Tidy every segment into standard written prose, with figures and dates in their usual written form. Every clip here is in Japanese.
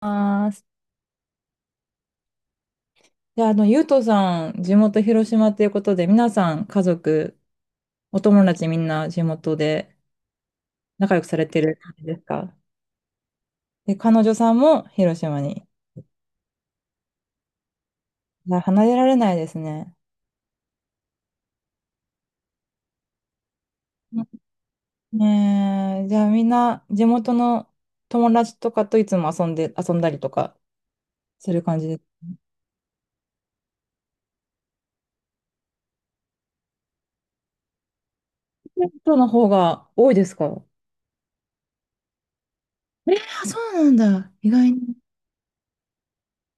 ます。じゃあ、ゆうとさん、地元広島ということで、皆さん、家族、お友達みんな地元で仲良くされてる感じですか？で、彼女さんも広島に。いや離れられないですね。うん。ねえ、じゃあみんな地元の友達とかといつも遊んだりとかする感じです。地元の方が多いですか？えー、そうなんだ。意外に。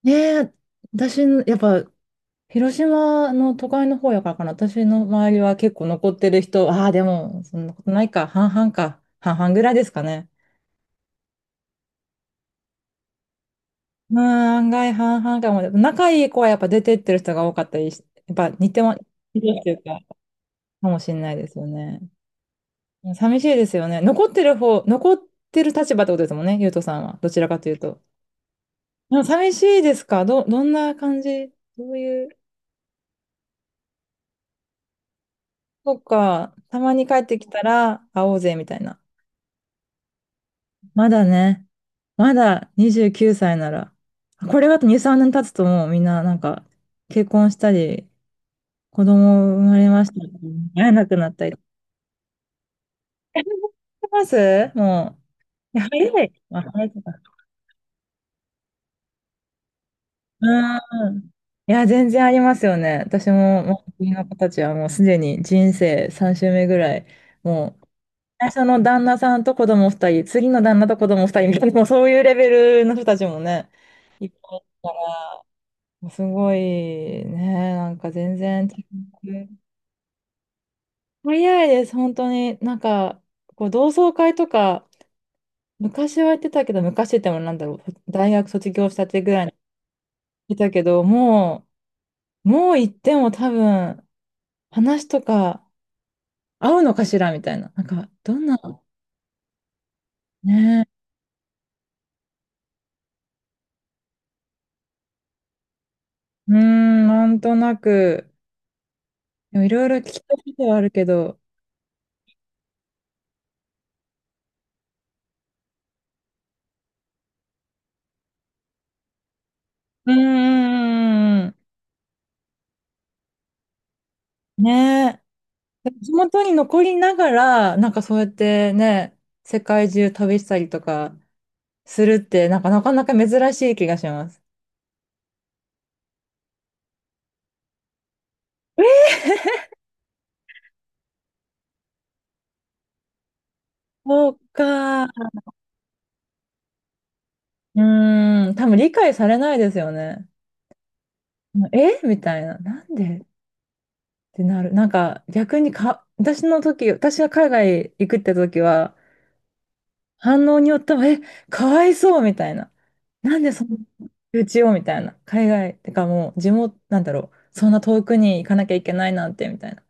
えー、私の、やっぱ、広島の都会の方やからかな。私の周りは結構残ってる人、ああ、でも、そんなことないか。半々か。半々ぐらいですかね。うん、案外半々かも。仲いい子はやっぱ出てってる人が多かったりし、やっぱ似てるっていうか、かもしれないですよね。寂しいですよね。残ってる立場ってことですもんね、ゆうとさんは。どちらかというと。でも寂しいですか？どんな感じ、どういう…そっか、たまに帰ってきたら会おうぜみたいな。まだね、まだ29歳なら、これがあと2、3年経つともうみんななんか結婚したり、子供生まれましたとか会えなくなったり。してますもう。いや、早い。まあ、早いとか。うん。いや、全然ありますよね。私も、もう、国の子たちはもうすでに人生3周目ぐらい、もう、最初の旦那さんと子供2人、次の旦那と子供2人みたいな、もうそういうレベルの人たちもね、いっぱいいるから。すごいね、なんか全然違う。早いです、本当に。なんか、こう同窓会とか、昔はやってたけど、昔ってもなんだろう、大学卒業したてぐらいにいたけど、もう行っても多分、話とか合うのかしらみたいな。なんか、どんな、ねえ、うーん、なんとなく、でもいろいろ聞きたいことはあるけど、うーん、ねえ、でも地元に残りながら、なんかそうやってね、世界中旅したりとかするって、なんかなかなか珍しい気がします。そうか。うーん、多分理解されないですよね。えみたいな。なんでってなる。なんか逆にか、私の時、私が海外行くって時は、反応によっては、かわいそうみたいな。なんでそんなうちをみたいな。海外、てかもう地元、なんだろう。そんな遠くに行かなきゃいけないなんて、みたいな。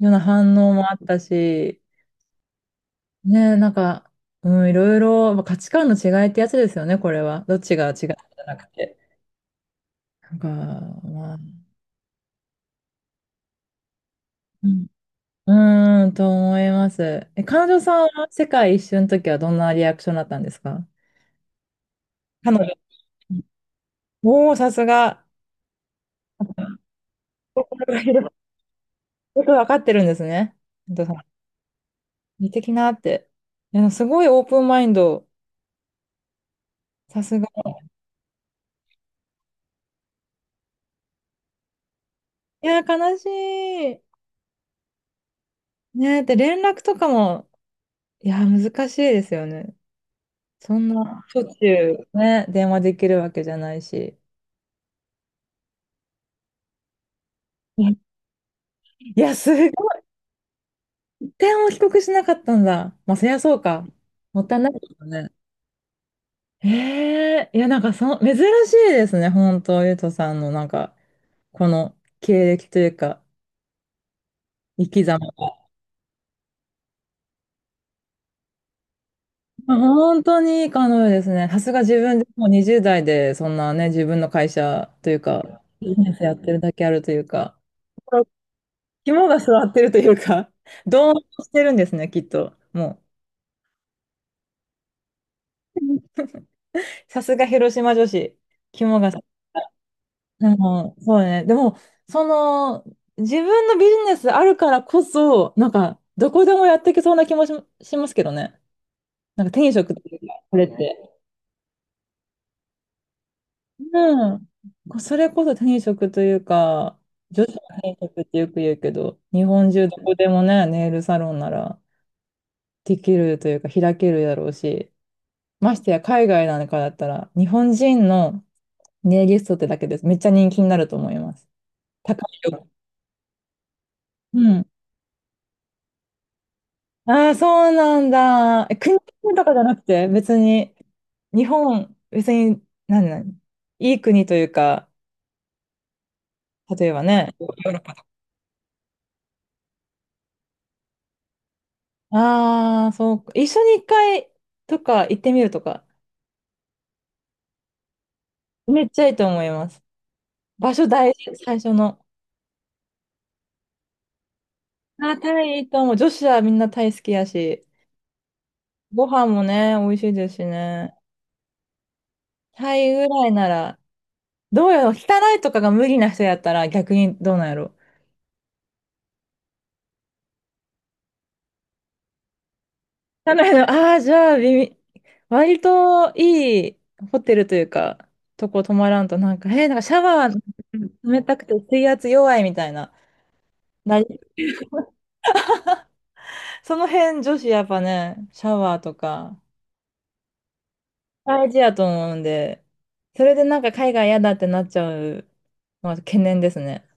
ような反応もあったし、ねえ、なんか、うん、いろいろ、まあ価値観の違いってやつですよね、これは。どっちが違うじゃなくて。なんか、まあ、うん、うーん、と思います。え、彼女さんは世界一周の時はどんなリアクションだったんですか？彼女。おお、さすが。心が広い、よくわかってるんですね。本当さん似てきなって。いや、すごいオープンマインド。さすが。いや、悲しい。ねえ、で、連絡とかも、いや、難しいですよね。そんな、しょっちゅうね、電話できるわけじゃないし。ね、いや、すごい。電話を帰国しなかったんだ。まあ、そりゃそうか。もったいないですね。ええ、いや、なんか珍しいですね、本当、ゆうとさんの、なんか、この経歴というか、生き様が。まあ本当にいい彼女ですね。さすが自分でもう20代で、そんなね、自分の会社というか、ビジネスやってるだけあるというか、肝が据わってるというか、どうしてるんですね、きっと。もう。さすが広島女子、肝がさ、でも、そうね。でも、その、自分のビジネスあるからこそ、なんか、どこでもやっていけそうな気もしますけどね。なんか、転職というか、これって。うん。それこそ転職というか、女子の転職ってよく言うけど、日本中どこでもね、ネイルサロンならできるというか、開けるだろうし、ましてや海外なんかだったら、日本人のネイリストってだけです。めっちゃ人気になると思います。高い。うん。ああ、そうなんだ。国とかじゃなくて、別に、日本、別に、何いい国というか、例えばね。ああ、そうか。一緒に一回とか行ってみるとか、めっちゃいいと思います。場所大事、最初の。あー、タイいいと思う。女子はみんなタイ好きやし、ご飯もね、美味しいですしね。タイぐらいなら、どうやろう、汚いとかが無理な人やったら逆にどうなんやろ。なの、ああ、じゃあ、微妙、割といいホテルというか、とこ泊まらんと、なんか、なんかシャワー冷たくて水圧弱いみたいな。なり、その辺、女子やっぱね、シャワーとか、大事やと思うんで、それでなんか海外嫌だってなっちゃうのは懸念ですね。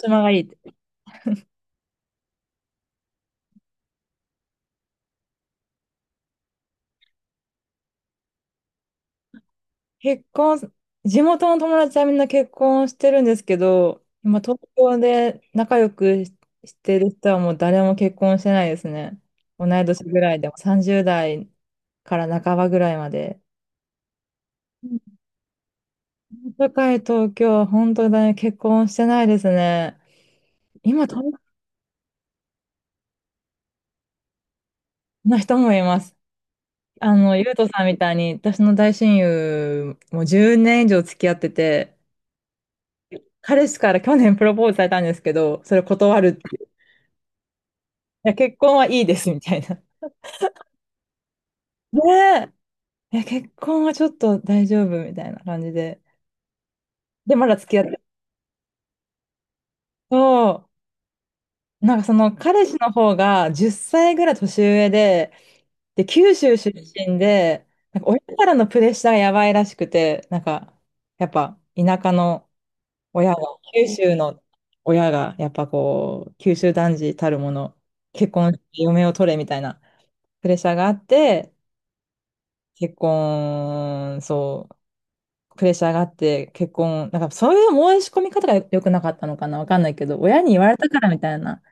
島がいいって。結婚、地元の友達はみんな結婚してるんですけど、今東京で仲良くしてる人はもう誰も結婚してないですね。同い年ぐらいでも30代から半ばぐらいまで。社会東京は本当に結婚してないですね。今、東京の人もいます。あの、ゆうとさんみたいに、私の大親友もじゅう10年以上付き合ってて、彼氏から去年プロポーズされたんですけど、それ断るって、や、結婚はいいですみたいな。ねえ、いや、結婚はちょっと大丈夫みたいな感じで。で、まだ付き合ってると、なんかその彼氏の方が10歳ぐらい年上で、で、九州出身で、なんか親からのプレッシャーがやばいらしくて、なんか、やっぱ田舎の親が、九州の親が、やっぱこう、九州男児たるもの、結婚して嫁を取れみたいなプレッシャーがあって、結婚、そうプレッシャーがあって結婚、なんかそういう申し込み方が良くなかったのかなわかんないけど、親に言われたからみたいな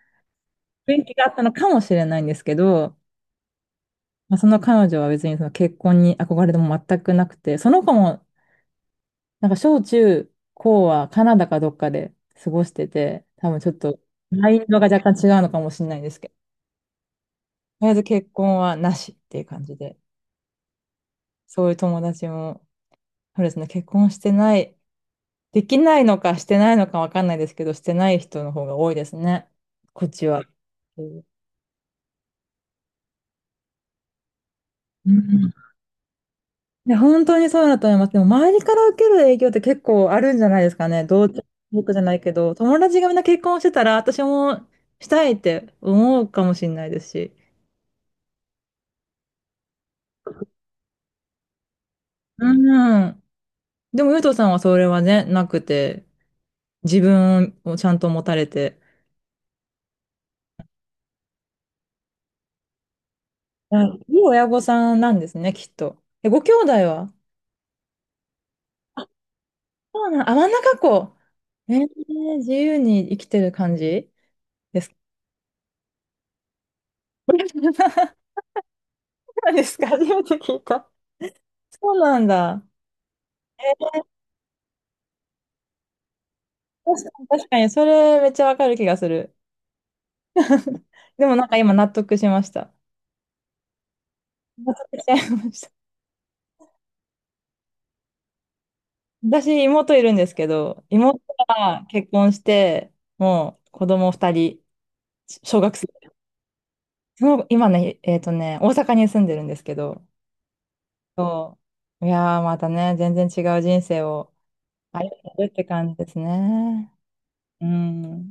雰囲気があったのかもしれないんですけど、まあ、その彼女は別にその結婚に憧れでも全くなくて、その子もなんか小中高はカナダかどっかで過ごしてて、多分ちょっとマインドが若干違うのかもしれないですけど、とりあえず結婚はなしっていう感じで、そういう友達も、そうですね、結婚してない、できないのかしてないのかわかんないですけど、してない人の方が多いですね。こっちは。うんうん、いや、本当にそうだと思います。でも、周りから受ける影響って結構あるんじゃないですかね。僕じゃないけど、友達がみんな結婚してたら、私もしたいって思うかもしれないですし。うん。でも、ゆうとさんはそれはね、なくて、自分をちゃんと持たれて、はい、いい親御さんなんですね、きっと。え、ご兄弟は？そうなん、あ、真ん中っ子。自由に生きてる感じですか？ そうなんですか、初めて聞いた。そうなんだ。確かに、確かにそれめっちゃわかる気がする。でもなんか今納得しました。納得しちゃいました。私、妹いるんですけど、妹が結婚して、もう子供2人、小学生。その今ね、大阪に住んでるんですけど、そう。いやー、またね、全然違う人生を歩んでるって感じですね。うん。